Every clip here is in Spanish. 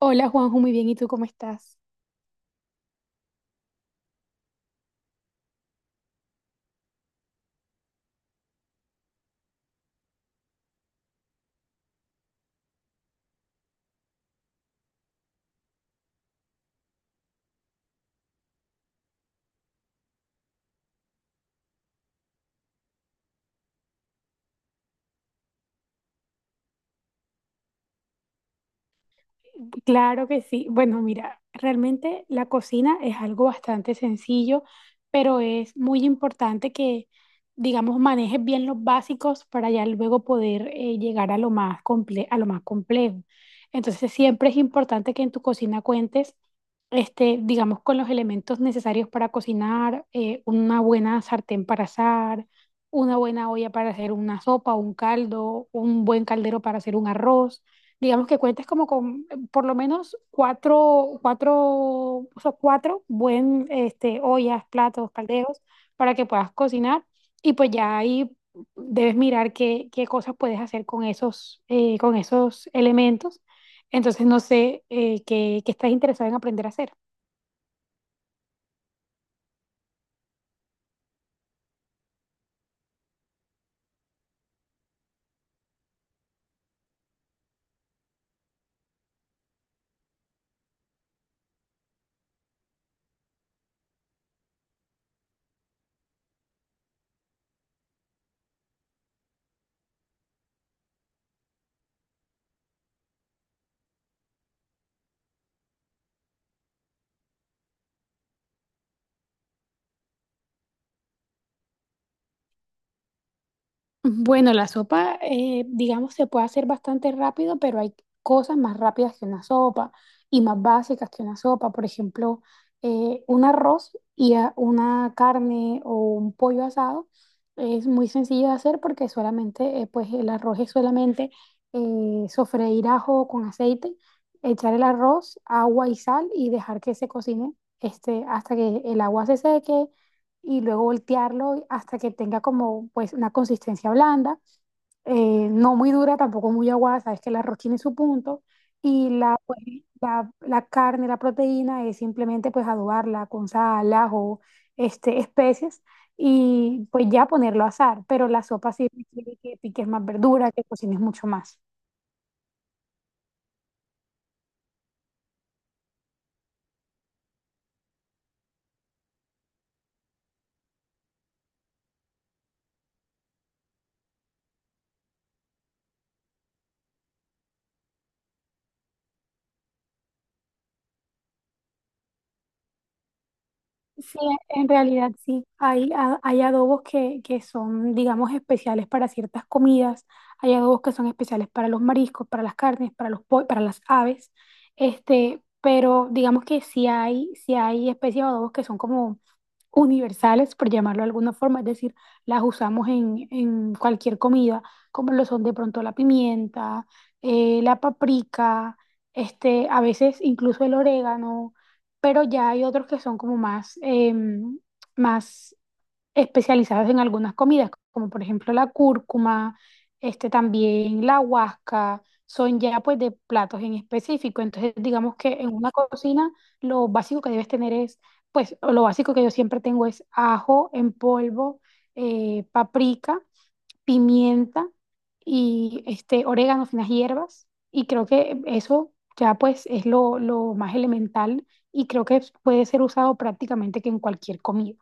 Hola Juanjo, muy bien, ¿y tú cómo estás? Claro que sí. Bueno, mira, realmente la cocina es algo bastante sencillo, pero es muy importante que, digamos, manejes bien los básicos para ya luego poder llegar a lo más a lo más complejo. Entonces, siempre es importante que en tu cocina cuentes, este, digamos, con los elementos necesarios para cocinar, una buena sartén para asar, una buena olla para hacer una sopa, un caldo, un buen caldero para hacer un arroz, digamos que cuentes como con por lo menos cuatro, o sea, 4 este, ollas, platos, calderos para que puedas cocinar y pues ya ahí debes mirar qué cosas puedes hacer con esos elementos. Entonces, no sé qué estás interesado en aprender a hacer. Bueno, la sopa, digamos, se puede hacer bastante rápido, pero hay cosas más rápidas que una sopa y más básicas que una sopa. Por ejemplo, un arroz y una carne o un pollo asado es muy sencillo de hacer porque solamente, pues el arroz es solamente sofreír ajo con aceite, echar el arroz, agua y sal y dejar que se cocine, este, hasta que el agua se seque y luego voltearlo hasta que tenga como pues una consistencia blanda, no muy dura, tampoco muy aguada, sabes que el arroz tiene su punto y la, pues, la carne, la proteína es simplemente pues adobarla con sal, ajo, este, especias y pues ya ponerlo a asar, pero la sopa sí requiere que piques más verdura, que cocines mucho más. Sí, en realidad sí. Hay, hay adobos que son, digamos, especiales para ciertas comidas. Hay adobos que son especiales para los mariscos, para las carnes, para los para las aves. Este, pero digamos que sí hay especies de adobos que son como universales, por llamarlo de alguna forma, es decir, las usamos en cualquier comida, como lo son de pronto la pimienta, la paprika, este, a veces incluso el orégano, pero ya hay otros que son como más, más especializadas en algunas comidas, como por ejemplo la cúrcuma, este también la huasca, son ya pues de platos en específico. Entonces, digamos que en una cocina lo básico que debes tener es, pues o lo básico que yo siempre tengo es ajo en polvo, paprika, pimienta y este orégano, finas hierbas. Y creo que eso ya pues es lo más elemental y creo que puede ser usado prácticamente que en cualquier comida.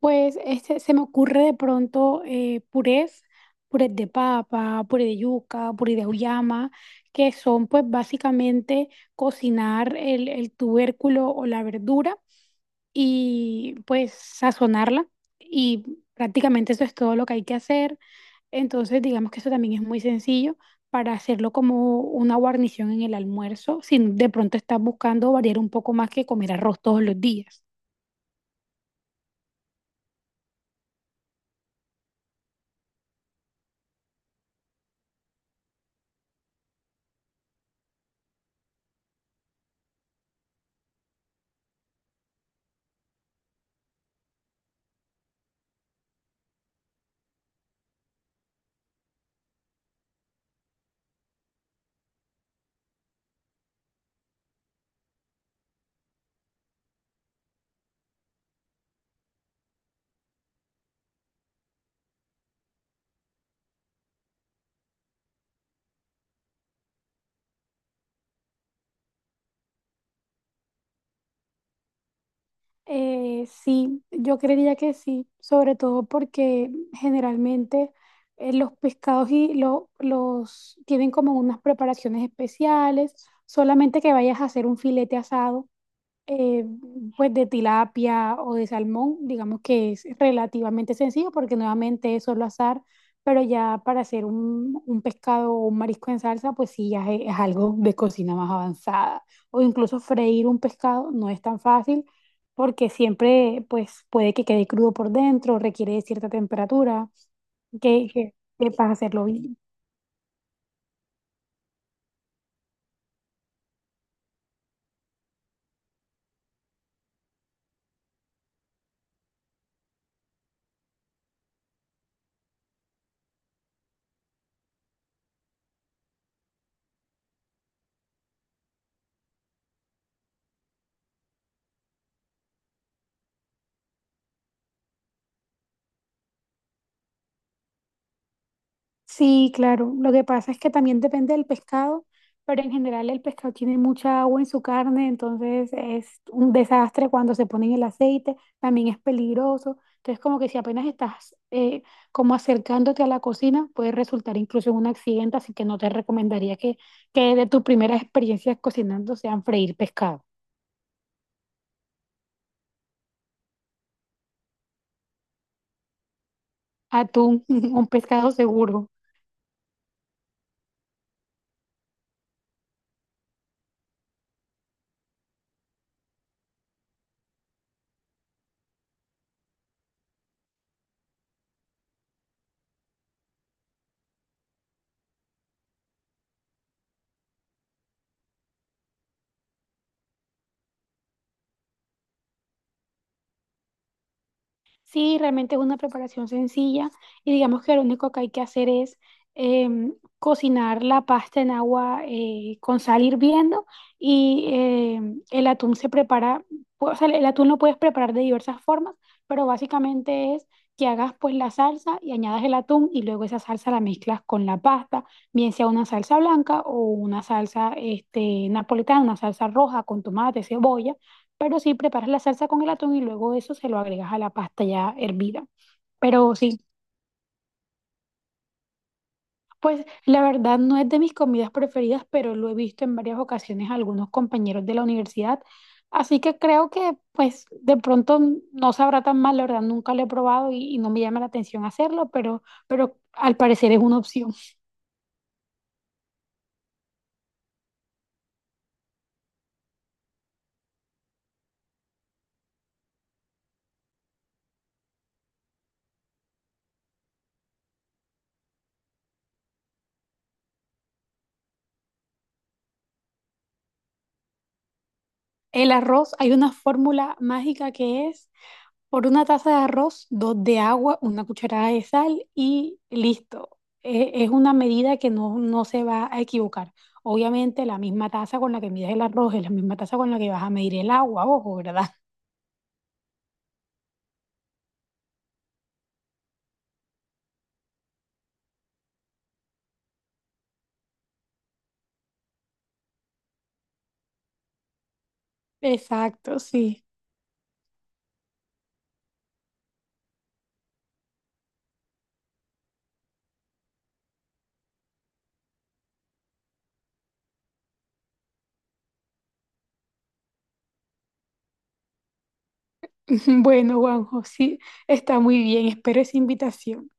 Pues este, se me ocurre de pronto purés, purés de papa, puré de yuca, puré de auyama, que son pues básicamente cocinar el tubérculo o la verdura y pues sazonarla y prácticamente eso es todo lo que hay que hacer. Entonces digamos que eso también es muy sencillo para hacerlo como una guarnición en el almuerzo, si de pronto estás buscando variar un poco más que comer arroz todos los días. Sí, yo creería que sí, sobre todo porque generalmente los pescados y los tienen como unas preparaciones especiales, solamente que vayas a hacer un filete asado, eh, pues de tilapia o de salmón, digamos que es relativamente sencillo porque nuevamente es solo azar, pero ya para hacer un pescado o un marisco en salsa, pues sí, ya es algo de cocina más avanzada. O incluso freír un pescado no es tan fácil porque siempre pues puede que quede crudo por dentro, requiere de cierta temperatura, que para hacerlo bien. Sí, claro. Lo que pasa es que también depende del pescado, pero en general el pescado tiene mucha agua en su carne, entonces es un desastre cuando se pone en el aceite, también es peligroso. Entonces como que si apenas estás como acercándote a la cocina, puede resultar incluso en un accidente, así que no te recomendaría que de tus primeras experiencias cocinando sean freír pescado. Atún, un pescado seguro. Sí, realmente es una preparación sencilla y digamos que lo único que hay que hacer es em, cocinar la pasta en agua con sal hirviendo y, el atún se prepara, pues, o sea, el atún lo puedes preparar de diversas formas, pero básicamente es que hagas pues la salsa y añadas el atún y luego esa salsa la mezclas con la pasta, bien sea una salsa blanca o una salsa este, napolitana, una salsa roja con tomate, cebolla, pero sí, preparas la salsa con el atún y luego eso se lo agregas a la pasta ya hervida. Pero sí, pues la verdad no es de mis comidas preferidas, pero lo he visto en varias ocasiones a algunos compañeros de la universidad. Así que creo que pues de pronto no sabrá tan mal, la verdad nunca lo he probado y no me llama la atención hacerlo, pero al parecer es una opción. El arroz, hay una fórmula mágica que es: por una taza de arroz, 2 de agua, una cucharada de sal y listo. Es una medida que no, no se va a equivocar. Obviamente la misma taza con la que mides el arroz es la misma taza con la que vas a medir el agua, ojo, ¿verdad? Exacto, sí. Bueno, Juanjo, sí, está muy bien. Espero esa invitación.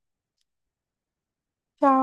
Chao.